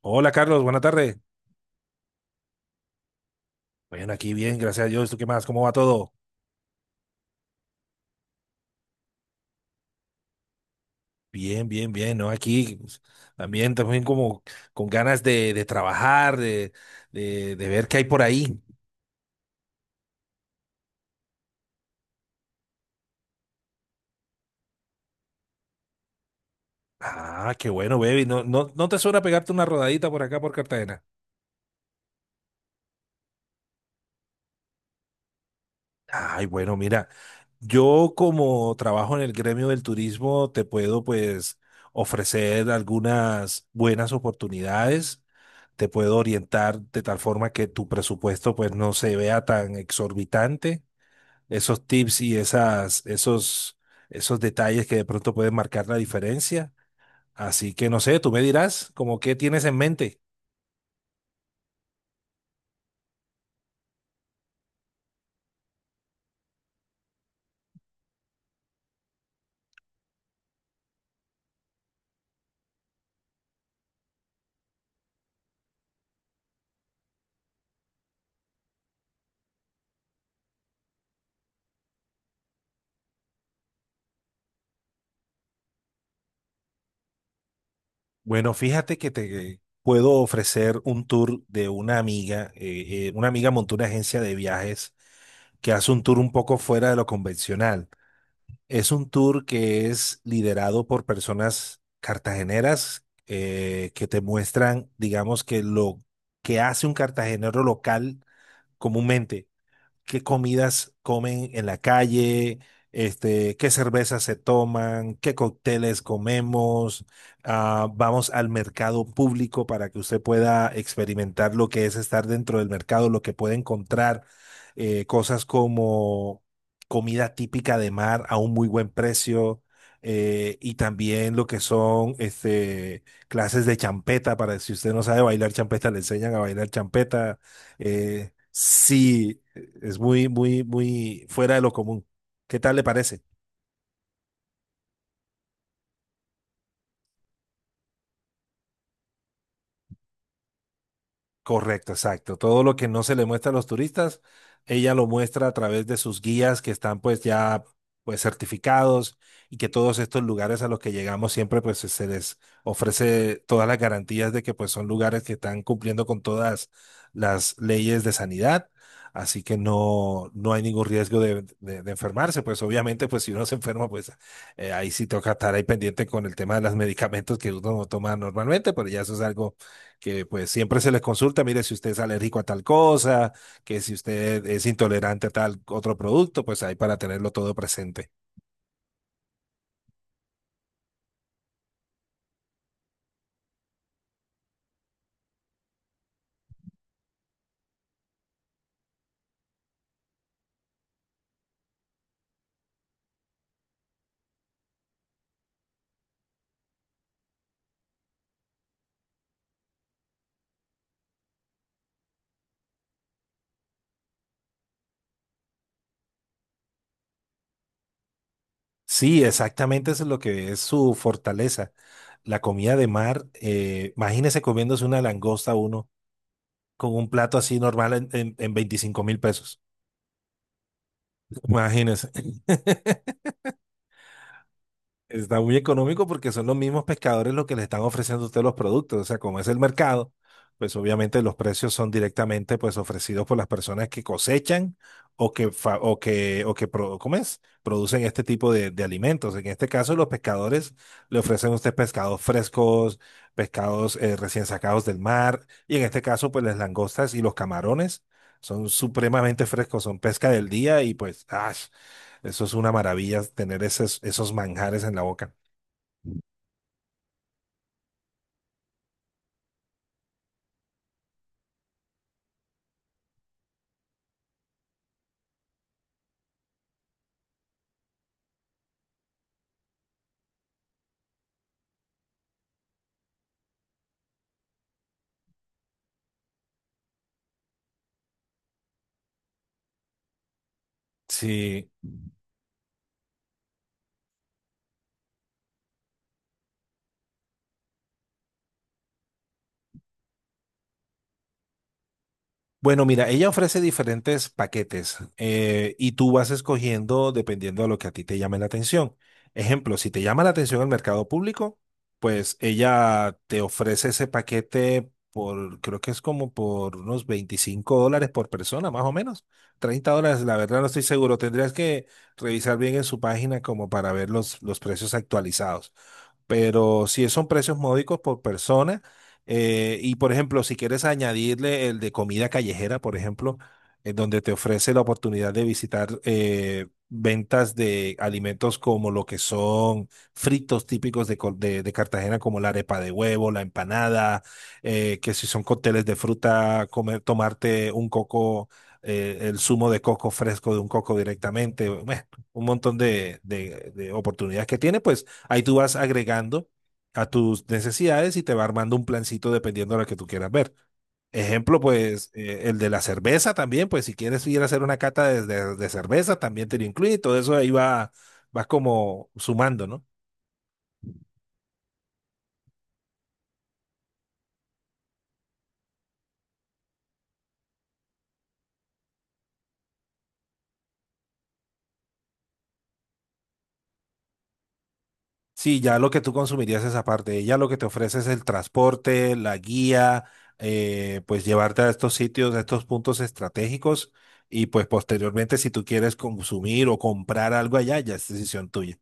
Hola Carlos, buena tarde. Bueno, aquí bien, gracias a Dios. ¿Tú qué más? ¿Cómo va todo? Bien, bien, bien, ¿no? Aquí pues, también como con ganas de, trabajar, de ver qué hay por ahí. Ah, qué bueno, baby. ¿No, no, no te suena pegarte una rodadita por acá por Cartagena? Ay, bueno, mira, yo como trabajo en el gremio del turismo, te puedo pues ofrecer algunas buenas oportunidades, te puedo orientar de tal forma que tu presupuesto pues no se vea tan exorbitante. Esos tips y esos detalles que de pronto pueden marcar la diferencia. Así que no sé, tú me dirás como qué tienes en mente. Bueno, fíjate que te puedo ofrecer un tour de una amiga. Una amiga montó una agencia de viajes que hace un tour un poco fuera de lo convencional. Es un tour que es liderado por personas cartageneras, que te muestran, digamos, que lo que hace un cartagenero local comúnmente, qué comidas comen en la calle, qué cervezas se toman, qué cócteles comemos. Ah, vamos al mercado público para que usted pueda experimentar lo que es estar dentro del mercado, lo que puede encontrar, cosas como comida típica de mar a un muy buen precio. Y también lo que son, clases de champeta, para si usted no sabe bailar champeta, le enseñan a bailar champeta. Sí, es muy, muy, muy fuera de lo común. ¿Qué tal le parece? Correcto, exacto. Todo lo que no se le muestra a los turistas, ella lo muestra a través de sus guías que están pues ya pues certificados, y que todos estos lugares a los que llegamos siempre pues se les ofrece todas las garantías de que pues son lugares que están cumpliendo con todas las leyes de sanidad, así que no, no hay ningún riesgo de, de enfermarse. Pues obviamente, pues si uno se enferma, pues ahí sí toca estar ahí pendiente con el tema de los medicamentos que uno toma normalmente, pero ya eso es algo que pues siempre se les consulta. Mire, si usted es alérgico a tal cosa, que si usted es intolerante a tal otro producto, pues ahí para tenerlo todo presente. Sí, exactamente eso es lo que es su fortaleza. La comida de mar, imagínese comiéndose una langosta uno con un plato así normal en, en 25 mil pesos. Imagínese. Está muy económico porque son los mismos pescadores los que le están ofreciendo a usted los productos. O sea, como es el mercado, pues obviamente los precios son directamente pues ofrecidos por las personas que cosechan, o que, fa- o que pro- ¿cómo es? Producen este tipo de, alimentos. En este caso, los pescadores le ofrecen a usted pescados frescos, pescados, recién sacados del mar, y en este caso, pues las langostas y los camarones son supremamente frescos, son pesca del día y pues, ¡ah! Eso es una maravilla tener esos, manjares en la boca. Sí. Bueno, mira, ella ofrece diferentes paquetes, y tú vas escogiendo dependiendo de lo que a ti te llame la atención. Ejemplo, si te llama la atención el mercado público, pues ella te ofrece ese paquete por, creo que es como por unos 25 dólares por persona, más o menos. 30 dólares, la verdad no estoy seguro. Tendrías que revisar bien en su página como para ver los, precios actualizados. Pero sí son precios módicos por persona. Y por ejemplo, si quieres añadirle el de comida callejera, por ejemplo, en donde te ofrece la oportunidad de visitar, ventas de alimentos como lo que son fritos típicos de Cartagena, como la arepa de huevo, la empanada, que si son cócteles de fruta, comer, tomarte un coco, el zumo de coco fresco de un coco directamente. Bueno, un montón de oportunidades que tiene, pues. Ahí tú vas agregando a tus necesidades y te va armando un plancito dependiendo de lo que tú quieras ver. Ejemplo, pues, el de la cerveza también, pues si quieres ir a hacer una cata de cerveza, también te lo incluye. Todo eso ahí va, vas como sumando, ¿no? Sí, ya lo que tú consumirías es aparte, ya lo que te ofrece es el transporte, la guía, pues llevarte a estos sitios, a estos puntos estratégicos, y pues posteriormente si tú quieres consumir o comprar algo allá, ya es decisión tuya.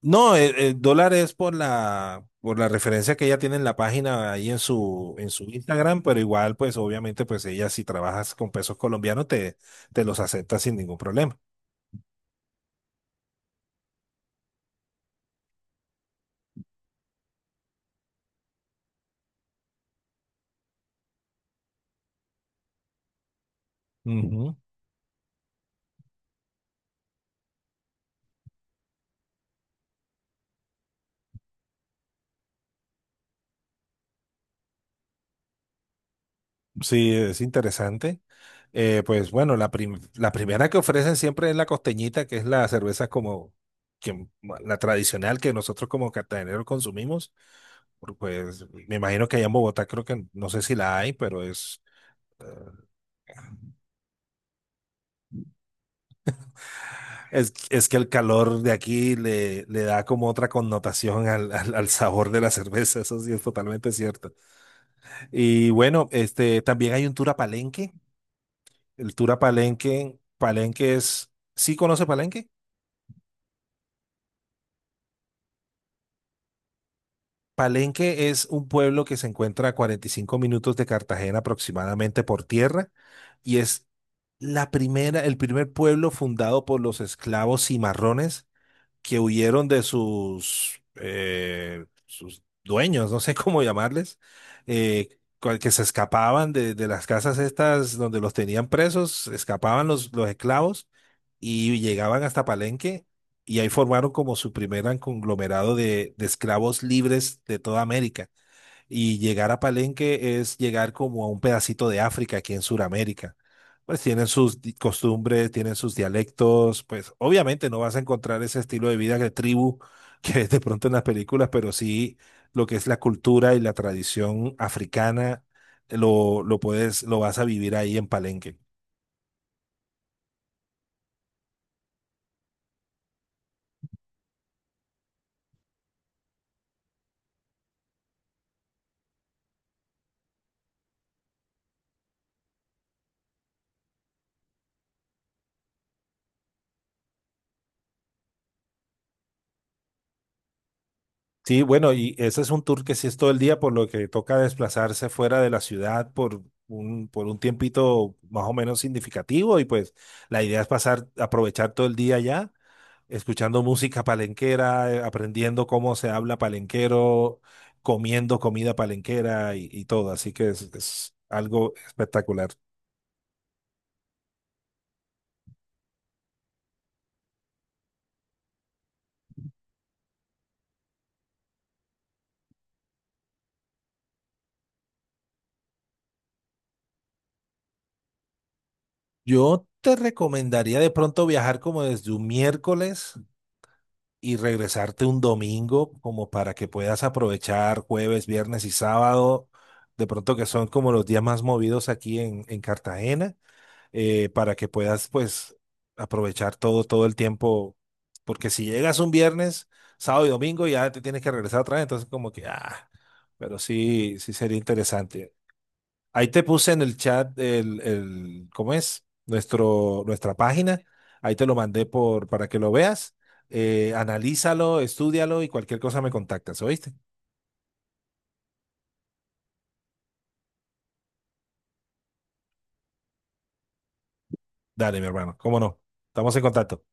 No, el dólar es por la referencia que ella tiene en la página ahí en su Instagram, pero igual, pues obviamente, pues ella si trabajas con pesos colombianos te, los acepta sin ningún problema. Ujú. Sí, es interesante. Pues bueno, la primera que ofrecen siempre es la costeñita, que es la cerveza como que, la tradicional que nosotros como cartageneros consumimos. Pues me imagino que allá en Bogotá, creo que no sé si la hay, pero es, es que el calor de aquí le, da como otra connotación al, al sabor de la cerveza, eso sí es totalmente cierto. Y bueno, también hay un tour a Palenque. El tour a Palenque. Palenque es, ¿sí conoce Palenque? Palenque es un pueblo que se encuentra a 45 minutos de Cartagena aproximadamente por tierra, y es el primer pueblo fundado por los esclavos cimarrones que huyeron de sus, sus dueños, no sé cómo llamarles. eh, que se escapaban de, las casas estas donde los tenían presos, escapaban los, esclavos, y llegaban hasta Palenque, y ahí formaron como su primer conglomerado de, esclavos libres de toda América. Y llegar a Palenque es llegar como a un pedacito de África aquí en Sudamérica. Pues tienen sus costumbres, tienen sus dialectos. Pues obviamente no vas a encontrar ese estilo de vida de tribu que ves de pronto en las películas, pero sí lo que es la cultura y la tradición africana, lo vas a vivir ahí en Palenque. Sí, bueno, y ese es un tour que sí es todo el día, por lo que toca desplazarse fuera de la ciudad por un tiempito más o menos significativo, y pues la idea es pasar, aprovechar todo el día allá, escuchando música palenquera, aprendiendo cómo se habla palenquero, comiendo comida palenquera y, todo, así que es, algo espectacular. Yo te recomendaría de pronto viajar como desde un miércoles y regresarte un domingo, como para que puedas aprovechar jueves, viernes y sábado, de pronto que son como los días más movidos aquí en, Cartagena, para que puedas pues aprovechar todo, el tiempo, porque si llegas un viernes, sábado y domingo ya te tienes que regresar otra vez, entonces como que, ah, pero sí, sí sería interesante. Ahí te puse en el chat ¿cómo es? Nuestra página. Ahí te lo mandé para que lo veas. Analízalo, estúdialo, y cualquier cosa me contactas, ¿oíste? Dale, mi hermano, cómo no. Estamos en contacto.